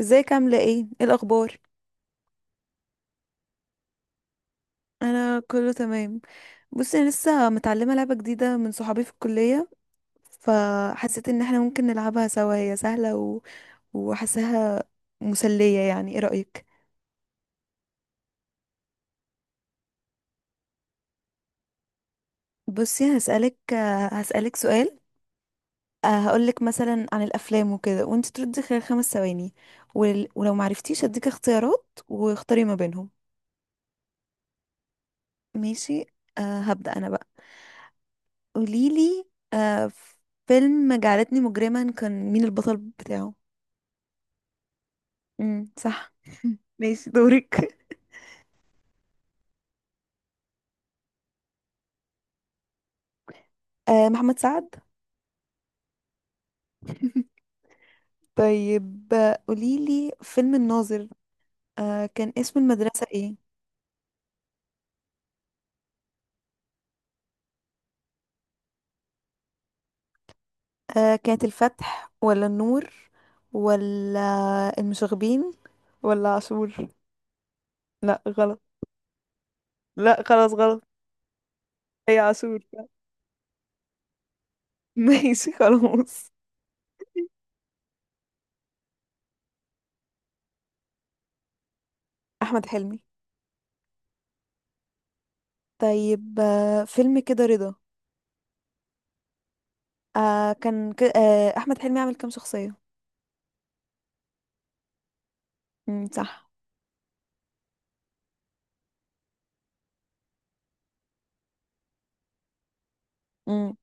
ازيك؟ عاملة ايه؟ ايه الأخبار؟ أنا كله تمام. بصي، أنا لسه متعلمة لعبة جديدة من صحابي في الكلية. فحسيت إن احنا ممكن نلعبها سوا. هي سهلة وحاساها مسلية، يعني ايه رأيك؟ بصي، هسألك سؤال. هقولك مثلا عن الأفلام وكده، وانت تردي خلال 5 ثواني. ولو معرفتيش هديك اختيارات واختاري ما بينهم. ماشي. هبدأ أنا بقى. قوليلي. أه. فيلم جعلتني مجرما، كان مين البطل بتاعه؟ امم، صح. ماشي، دورك. آه، محمد سعد. طيب، قوليلي فيلم الناظر. كان اسم المدرسة ايه؟ كانت الفتح ولا النور، ولا المشاغبين، ولا عاشور؟ لا، غلط. لا، خلاص غلط. هي عاشور. ماشي، خلاص. احمد حلمي. طيب، فيلم كده رضا. آه كان ك... آه احمد حلمي عمل كام شخصية؟ امم، صح. امم.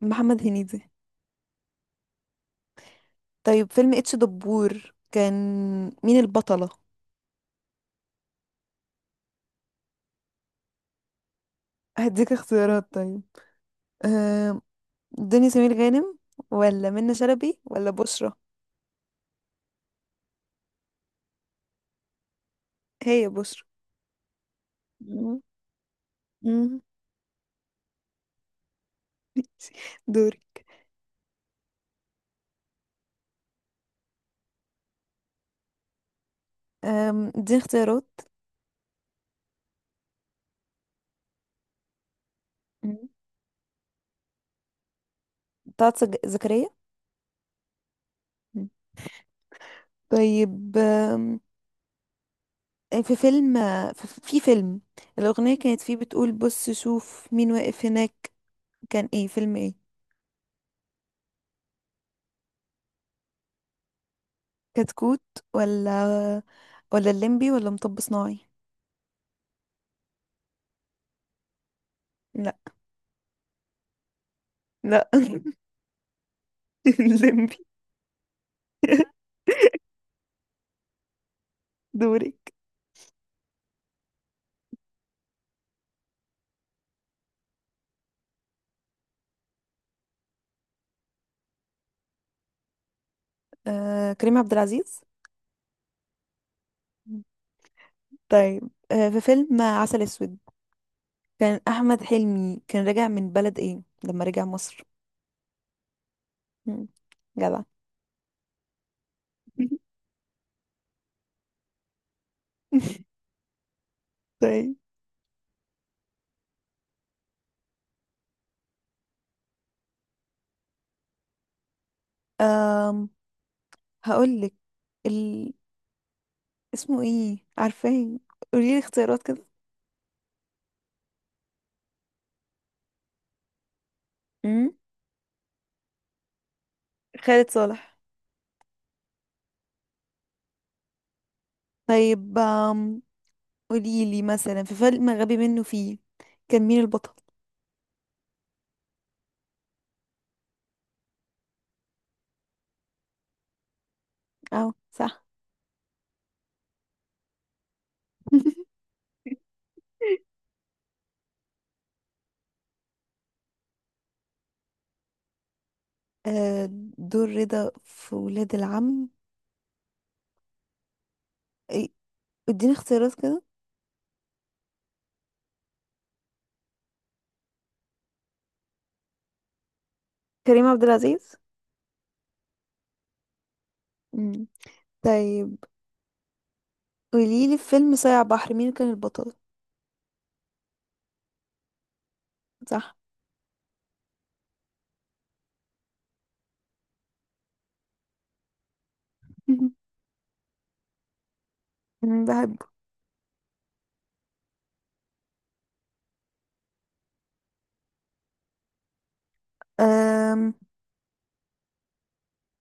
محمد هنيدي. طيب، فيلم اتش دبور كان مين البطلة؟ هديك اختيارات طيب. آه. دنيا سمير غانم، ولا منى شلبي، ولا بشرى؟ هي بشرى. مم. مم. دوري. آم، دي اختيارات. مم. بتاعت زكريا. مم. طيب. آم، آه، في فيلم في في فيلم الأغنية كانت فيه بتقول بص شوف مين واقف هناك. كان ايه؟ فيلم ايه؟ كتكوت، ولا ولا الليمبي، ولا مطب صناعي؟ لا. لا. الليمبي. دورك. آه، كريم عبد العزيز. طيب. في فيلم عسل اسود، كان احمد حلمي كان راجع من بلد ايه لما رجع مصر؟ مم، جدع. طيب. أم هقول لك. ال... اسمه ايه عارفاه؟ قولي لي اختيارات كده. امم. خالد صالح. طيب. قولي لي مثلا، في فيلم غبي منه فيه، كان مين البطل؟ اه، صح. آه، دور رضا في ولاد العم. إيه، اديني اختيارات كده. كريم عبد العزيز. مم. طيب، قوليلي، في فيلم صايع بحر مين كان البطل؟ صح. مم، بحبه. أم...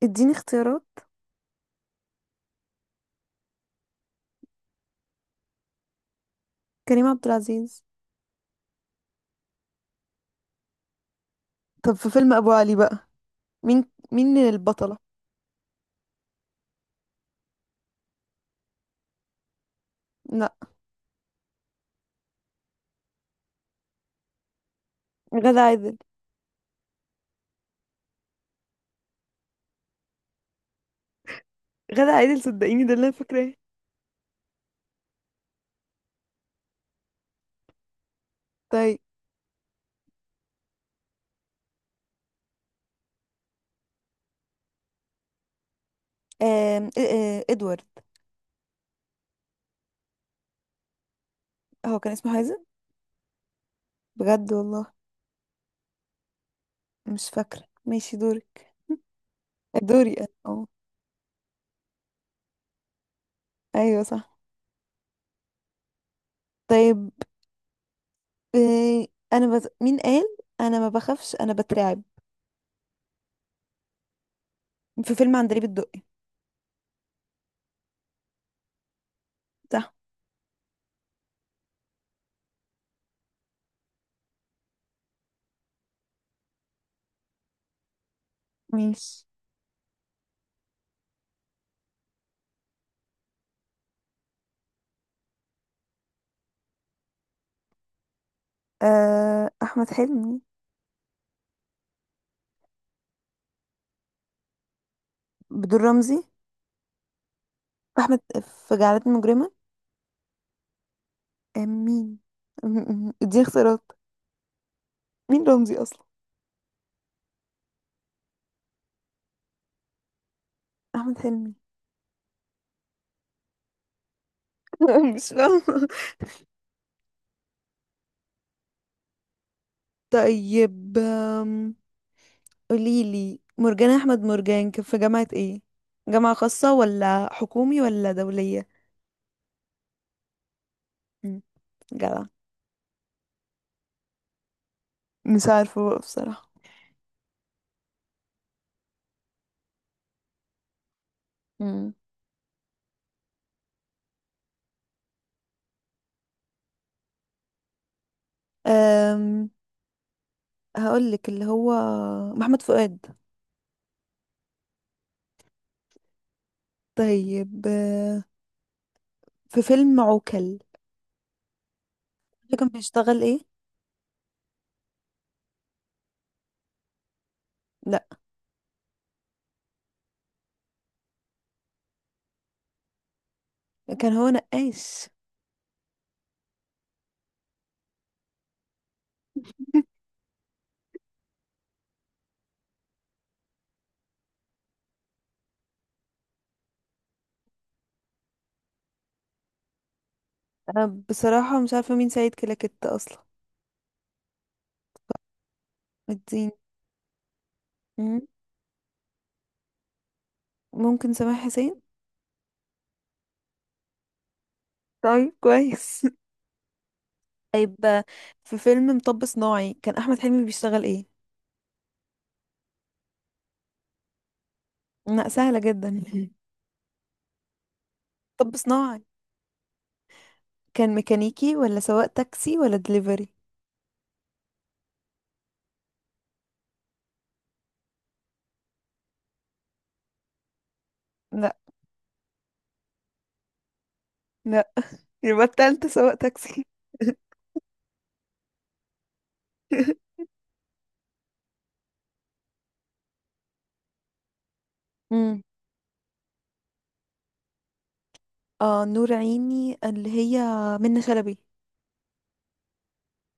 اديني اختيارات. كريم عبد العزيز. طب، في فيلم ابو علي بقى، مين مين البطلة؟ لا. غادة عادل. غادة عادل، صدقيني ده اللي انا فاكراه. طيب. ادوارد. هو كان اسمه حازم؟ بجد والله. مش فاكرة. ماشي، دورك. دوري أنا. اه. ايوه، صح. طيب. آه، مين قال انا ما بخافش انا بترعب؟ في فيلم عندليب الدقي؟ صح. ماشي. احمد حلمي. بدور رمزي. احمد. في جعلتني مجرمة. مين؟ دي اختيارات. مين رمزي اصلا؟ احمد حلمي. مش فاهمة. طيب. قوليلي، مرجان احمد مرجان كان في جامعة ايه؟ جامعة خاصة ولا حكومي ولا دولية؟ مم، جدع. مش عارفة بقى بصراحة. مم. أم هقول لك اللي هو محمد فؤاد. طيب. في فيلم عوكل، ده كان بيشتغل ايه؟ لا، كان هو نقاش. انا بصراحة مش عارفة مين سيد كلاكيت اصلا. الدين. مم. ممكن سامح حسين. طيب، كويس. طيب. في فيلم مطب صناعي كان احمد حلمي بيشتغل ايه؟ لا، سهلة جدا. مطب صناعي، كان ميكانيكي ولا سواق تاكسي ولا دليفري؟ لا. لا. يبقى التالتة سواق تاكسي. آه، نور عيني اللي هي منة شلبي.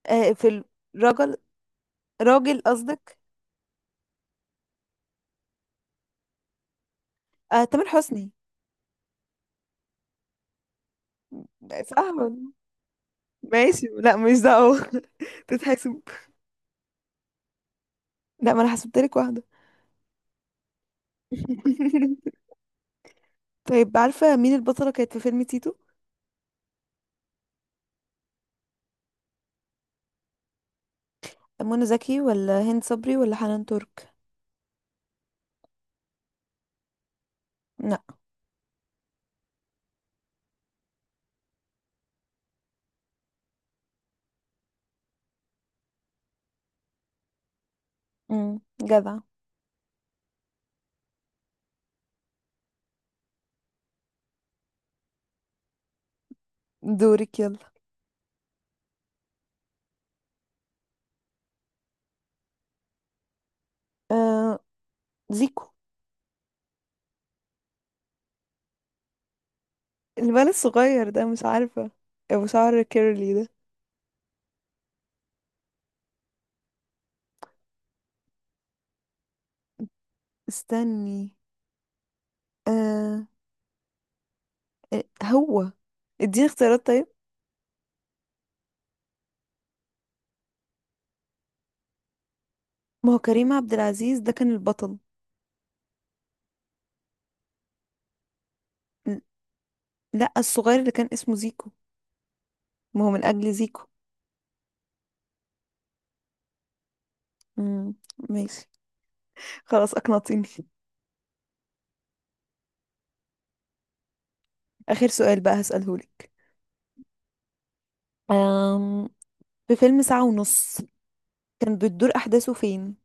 في الرجل. راجل قصدك؟ آه، تامر حسني. صح ولا؟ ماشي، لا مش دعوة تتحسب. لا، ما انا حسبتلك واحدة. طيب، عارفة مين البطلة كانت في فيلم تيتو؟ منى زكي ولا هند صبري ولا حنان ترك؟ لا. امم، جدع. دورك يلا. آه زيكو. الولد الصغير ده، مش عارفة. ابو شعر كيرلي ده. استني. آه هو. اديني اختيارات طيب. ما هو كريم عبد العزيز ده كان البطل. ل- لا، الصغير اللي كان اسمه زيكو. ما هو من اجل زيكو. امم. ماشي. خلاص، اقنعتيني. اخر سؤال بقى هسألهولك. أم... في فيلم ساعة ونص، كان بتدور احداثه فين؟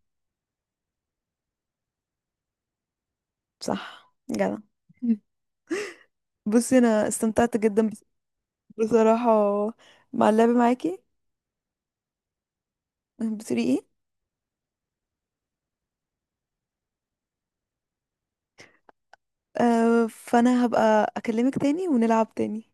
صح، جدع. مم. بصي، انا استمتعت جدا بصراحة مع اللعب معاكي. بتقولي ايه؟ أه، فانا هبقى اكلمك تاني ونلعب تاني.